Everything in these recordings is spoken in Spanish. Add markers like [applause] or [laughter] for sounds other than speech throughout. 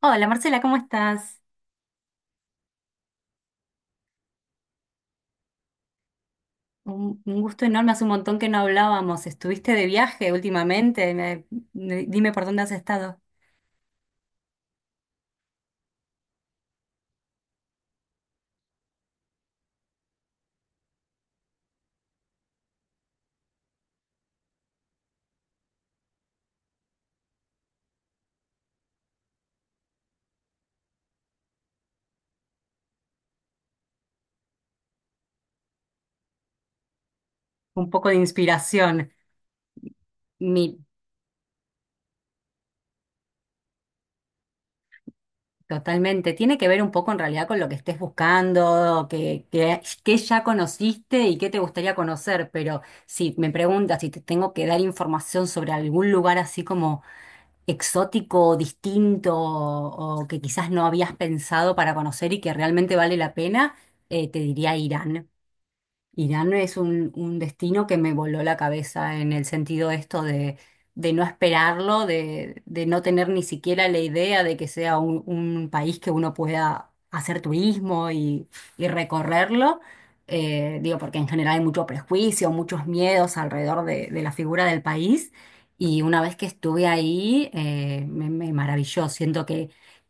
Hola Marcela, ¿cómo estás? Un gusto enorme, hace un montón que no hablábamos. ¿Estuviste de viaje últimamente? Dime por dónde has estado. Un poco de inspiración. Mi, totalmente. Tiene que ver un poco en realidad con lo que estés buscando, que ya conociste y qué te gustaría conocer. Pero si me preguntas si te tengo que dar información sobre algún lugar así como exótico, distinto o que quizás no habías pensado para conocer y que realmente vale la pena, te diría Irán. Irán es un destino que me voló la cabeza en el sentido esto de no esperarlo, de no tener ni siquiera la idea de que sea un país que uno pueda hacer turismo y recorrerlo. Digo, porque en general hay mucho prejuicio, muchos miedos alrededor de la figura del país. Y una vez que estuve ahí, me maravilló. Siento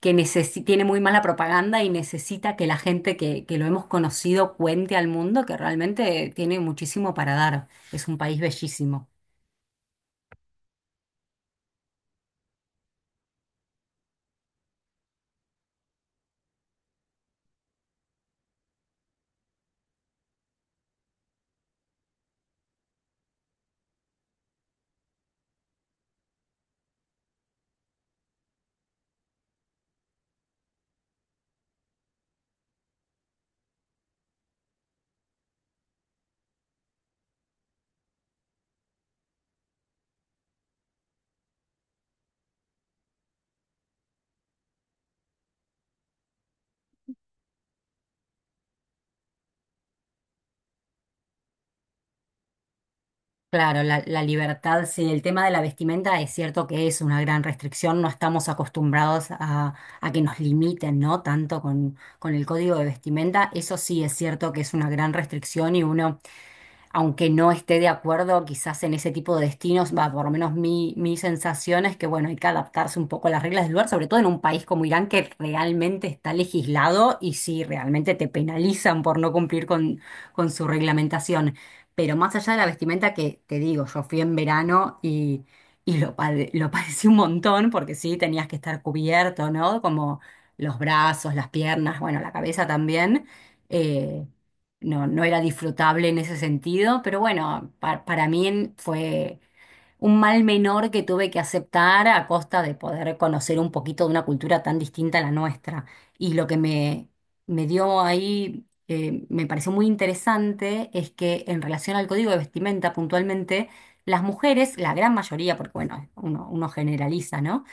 que tiene muy mala propaganda y necesita que la gente que lo hemos conocido cuente al mundo que realmente tiene muchísimo para dar. Es un país bellísimo. Claro, la libertad, sí, el tema de la vestimenta es cierto que es una gran restricción, no estamos acostumbrados a que nos limiten, ¿no? Tanto con el código de vestimenta, eso sí es cierto que es una gran restricción y uno aunque no esté de acuerdo quizás en ese tipo de destinos, va, por lo menos mi sensación es que, bueno, hay que adaptarse un poco a las reglas del lugar, sobre todo en un país como Irán que realmente está legislado y si realmente te penalizan por no cumplir con su reglamentación. Pero más allá de la vestimenta que te digo, yo fui en verano y lo, lo [laughs] padecí un montón porque sí, tenías que estar cubierto, ¿no? Como los brazos, las piernas, bueno, la cabeza también. eh, no, no era disfrutable en ese sentido, pero bueno, para mí fue un mal menor que tuve que aceptar a costa de poder conocer un poquito de una cultura tan distinta a la nuestra. Y lo que me dio ahí, me pareció muy interesante, es que en relación al código de vestimenta puntualmente, las mujeres, la gran mayoría, porque bueno, uno generaliza, ¿no?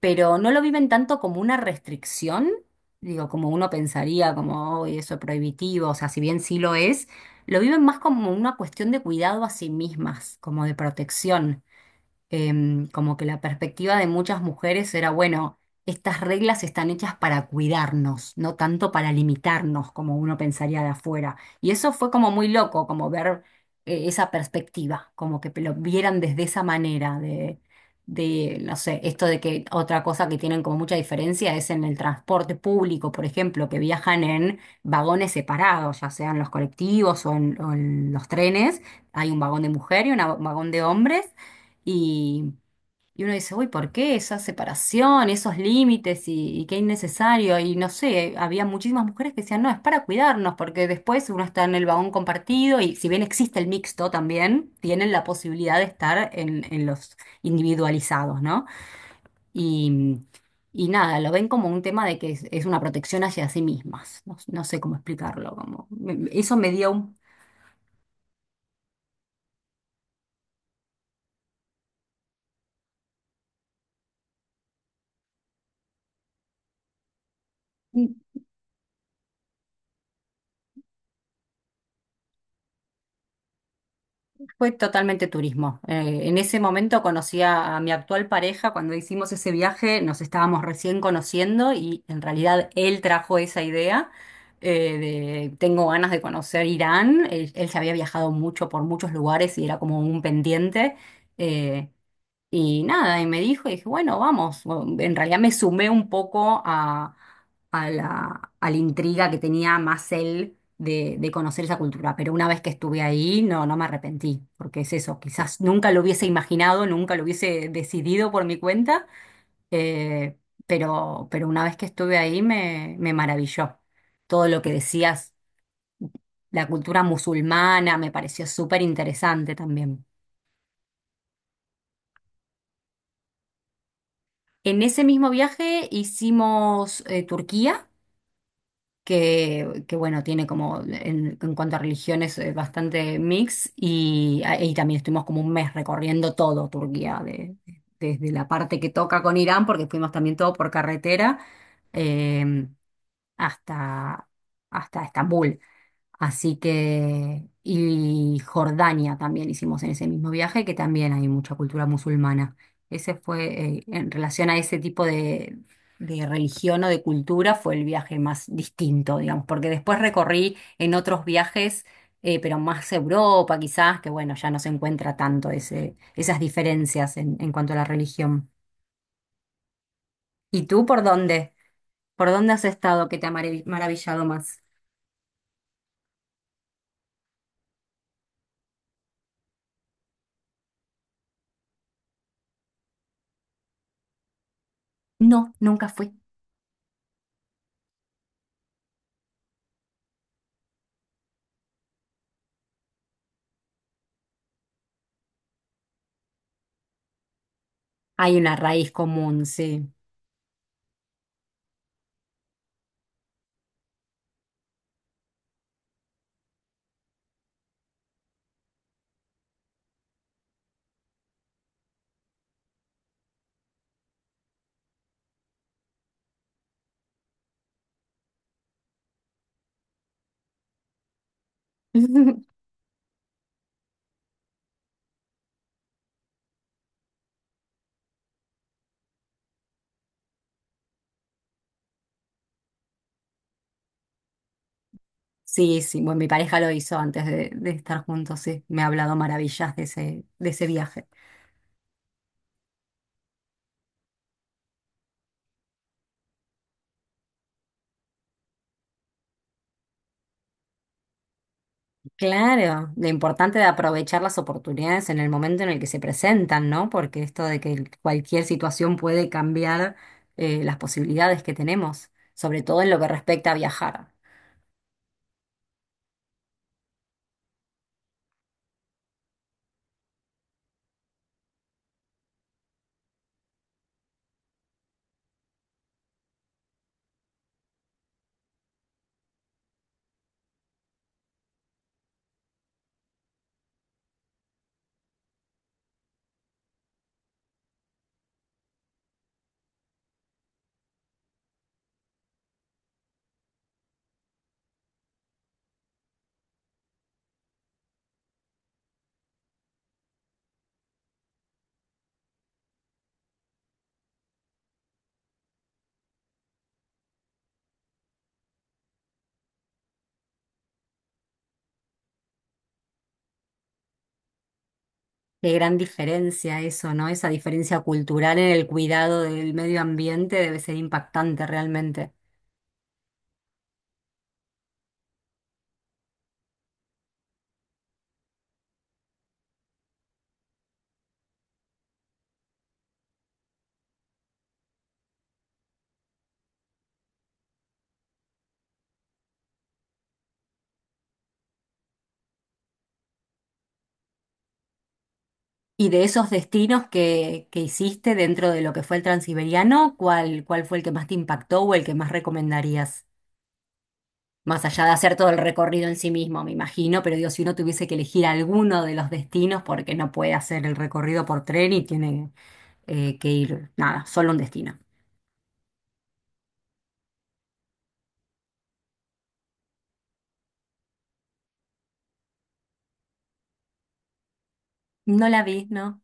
Pero no lo viven tanto como una restricción, digo, como uno pensaría, como "Uy, eso es prohibitivo, o sea, si bien sí lo es, lo viven más como una cuestión de cuidado a sí mismas, como de protección. Como que la perspectiva de muchas mujeres era, bueno, estas reglas están hechas para cuidarnos, no tanto para limitarnos como uno pensaría de afuera. Y eso fue como muy loco, como ver esa perspectiva, como que lo vieran desde esa manera de, no sé, esto de que otra cosa que tienen como mucha diferencia es en el transporte público, por ejemplo, que viajan en vagones separados, ya sean los colectivos o en los trenes, hay un vagón de mujer y un vagón de hombres y, y uno dice, uy, ¿por qué esa separación, esos límites y qué innecesario? Y no sé, había muchísimas mujeres que decían, no, es para cuidarnos, porque después uno está en el vagón compartido y si bien existe el mixto también, tienen la posibilidad de estar en los individualizados, ¿no? Y, y nada, lo ven como un tema de que es una protección hacia sí mismas. No, no sé cómo explicarlo, como eso me dio un... Fue totalmente turismo. En ese momento conocí a mi actual pareja, cuando hicimos ese viaje nos estábamos recién conociendo y en realidad él trajo esa idea de tengo ganas de conocer Irán. Él ya había viajado mucho por muchos lugares y era como un pendiente. Eh, y nada, y me dijo, y dije, bueno, vamos. Bueno, en realidad me sumé un poco a, a la intriga que tenía más él de conocer esa cultura. Pero una vez que estuve ahí, no, no me arrepentí, porque es eso, quizás nunca lo hubiese imaginado, nunca lo hubiese decidido por mi cuenta, eh, pero una vez que estuve ahí me maravilló. Todo lo que decías, la cultura musulmana, me pareció súper interesante también. En ese mismo viaje hicimos Turquía que, bueno, tiene como en cuanto a religiones bastante mix y también estuvimos como un mes recorriendo todo Turquía, desde la parte que toca con Irán, porque fuimos también todo por carretera, eh, hasta, hasta Estambul. Así que, y Jordania también hicimos en ese mismo viaje, que también hay mucha cultura musulmana. Ese fue, en relación a ese tipo de religión o de cultura, fue el viaje más distinto, digamos, porque después recorrí en otros viajes, pero más Europa quizás, que bueno, ya no se encuentra tanto ese, esas diferencias en cuanto a la religión. ¿Y tú por dónde? ¿Por dónde has estado que te ha maravillado más? No, nunca fui. Hay una raíz común, sí. [laughs] Sí, sí, bueno, mi pareja lo hizo antes de estar juntos, sí, me ha hablado maravillas de ese viaje. Claro, lo importante de aprovechar las oportunidades en el momento en el que se presentan, ¿no? Porque esto de que cualquier situación puede cambiar las posibilidades que tenemos, sobre todo en lo que respecta a viajar. Qué gran diferencia eso, ¿no? Esa diferencia cultural en el cuidado del medio ambiente debe ser impactante realmente. Y de esos destinos que hiciste dentro de lo que fue el Transiberiano, ¿cuál, cuál fue el que más te impactó o el que más recomendarías? Más allá de hacer todo el recorrido en sí mismo, me imagino, pero digo, si uno tuviese que elegir alguno de los destinos, porque no puede hacer el recorrido por tren y tiene que ir, nada, solo un destino. No la vi, ¿no?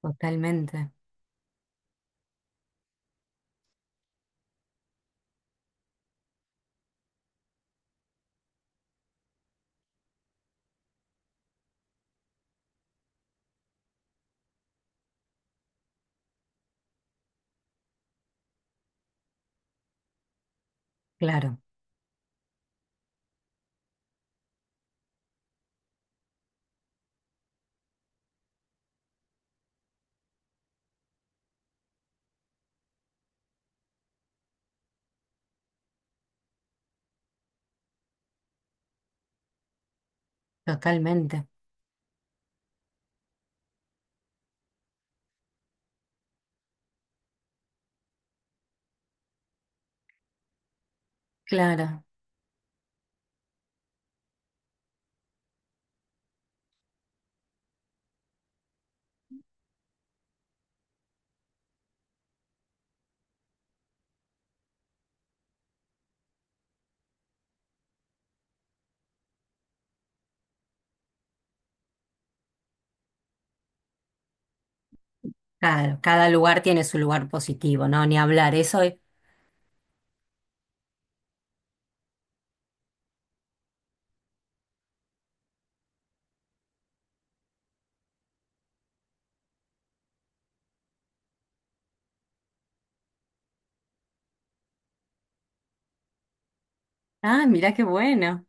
Totalmente, claro, totalmente, claro, claro. Cada lugar tiene su lugar positivo, ¿no? Ni hablar, eso es... Ah, mirá qué bueno.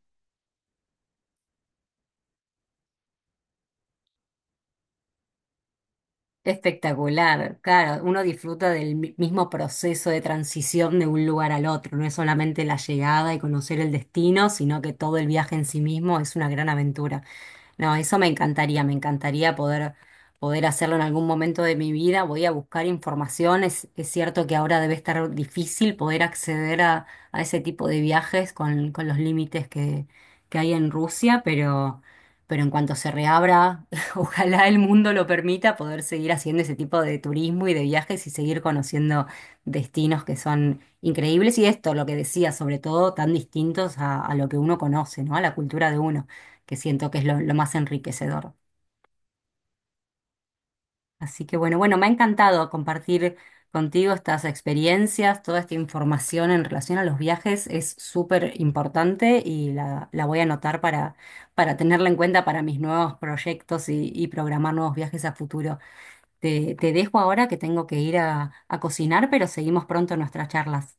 Espectacular, claro, uno disfruta del mismo proceso de transición de un lugar al otro, no es solamente la llegada y conocer el destino, sino que todo el viaje en sí mismo es una gran aventura. No, eso me encantaría poder, poder hacerlo en algún momento de mi vida. Voy a buscar información. Es cierto que ahora debe estar difícil poder acceder a ese tipo de viajes con los límites que hay en Rusia, pero en cuanto se reabra, [laughs] ojalá el mundo lo permita, poder seguir haciendo ese tipo de turismo y de viajes y seguir conociendo destinos que son increíbles. Y esto, lo que decía, sobre todo, tan distintos a lo que uno conoce, ¿no? A la cultura de uno que siento que es lo más enriquecedor. Así que bueno, bueno, me ha encantado compartir contigo estas experiencias, toda esta información en relación a los viajes es súper importante y la voy a anotar para tenerla en cuenta para mis nuevos proyectos y programar nuevos viajes a futuro. Te dejo ahora que tengo que ir a cocinar, pero seguimos pronto nuestras charlas.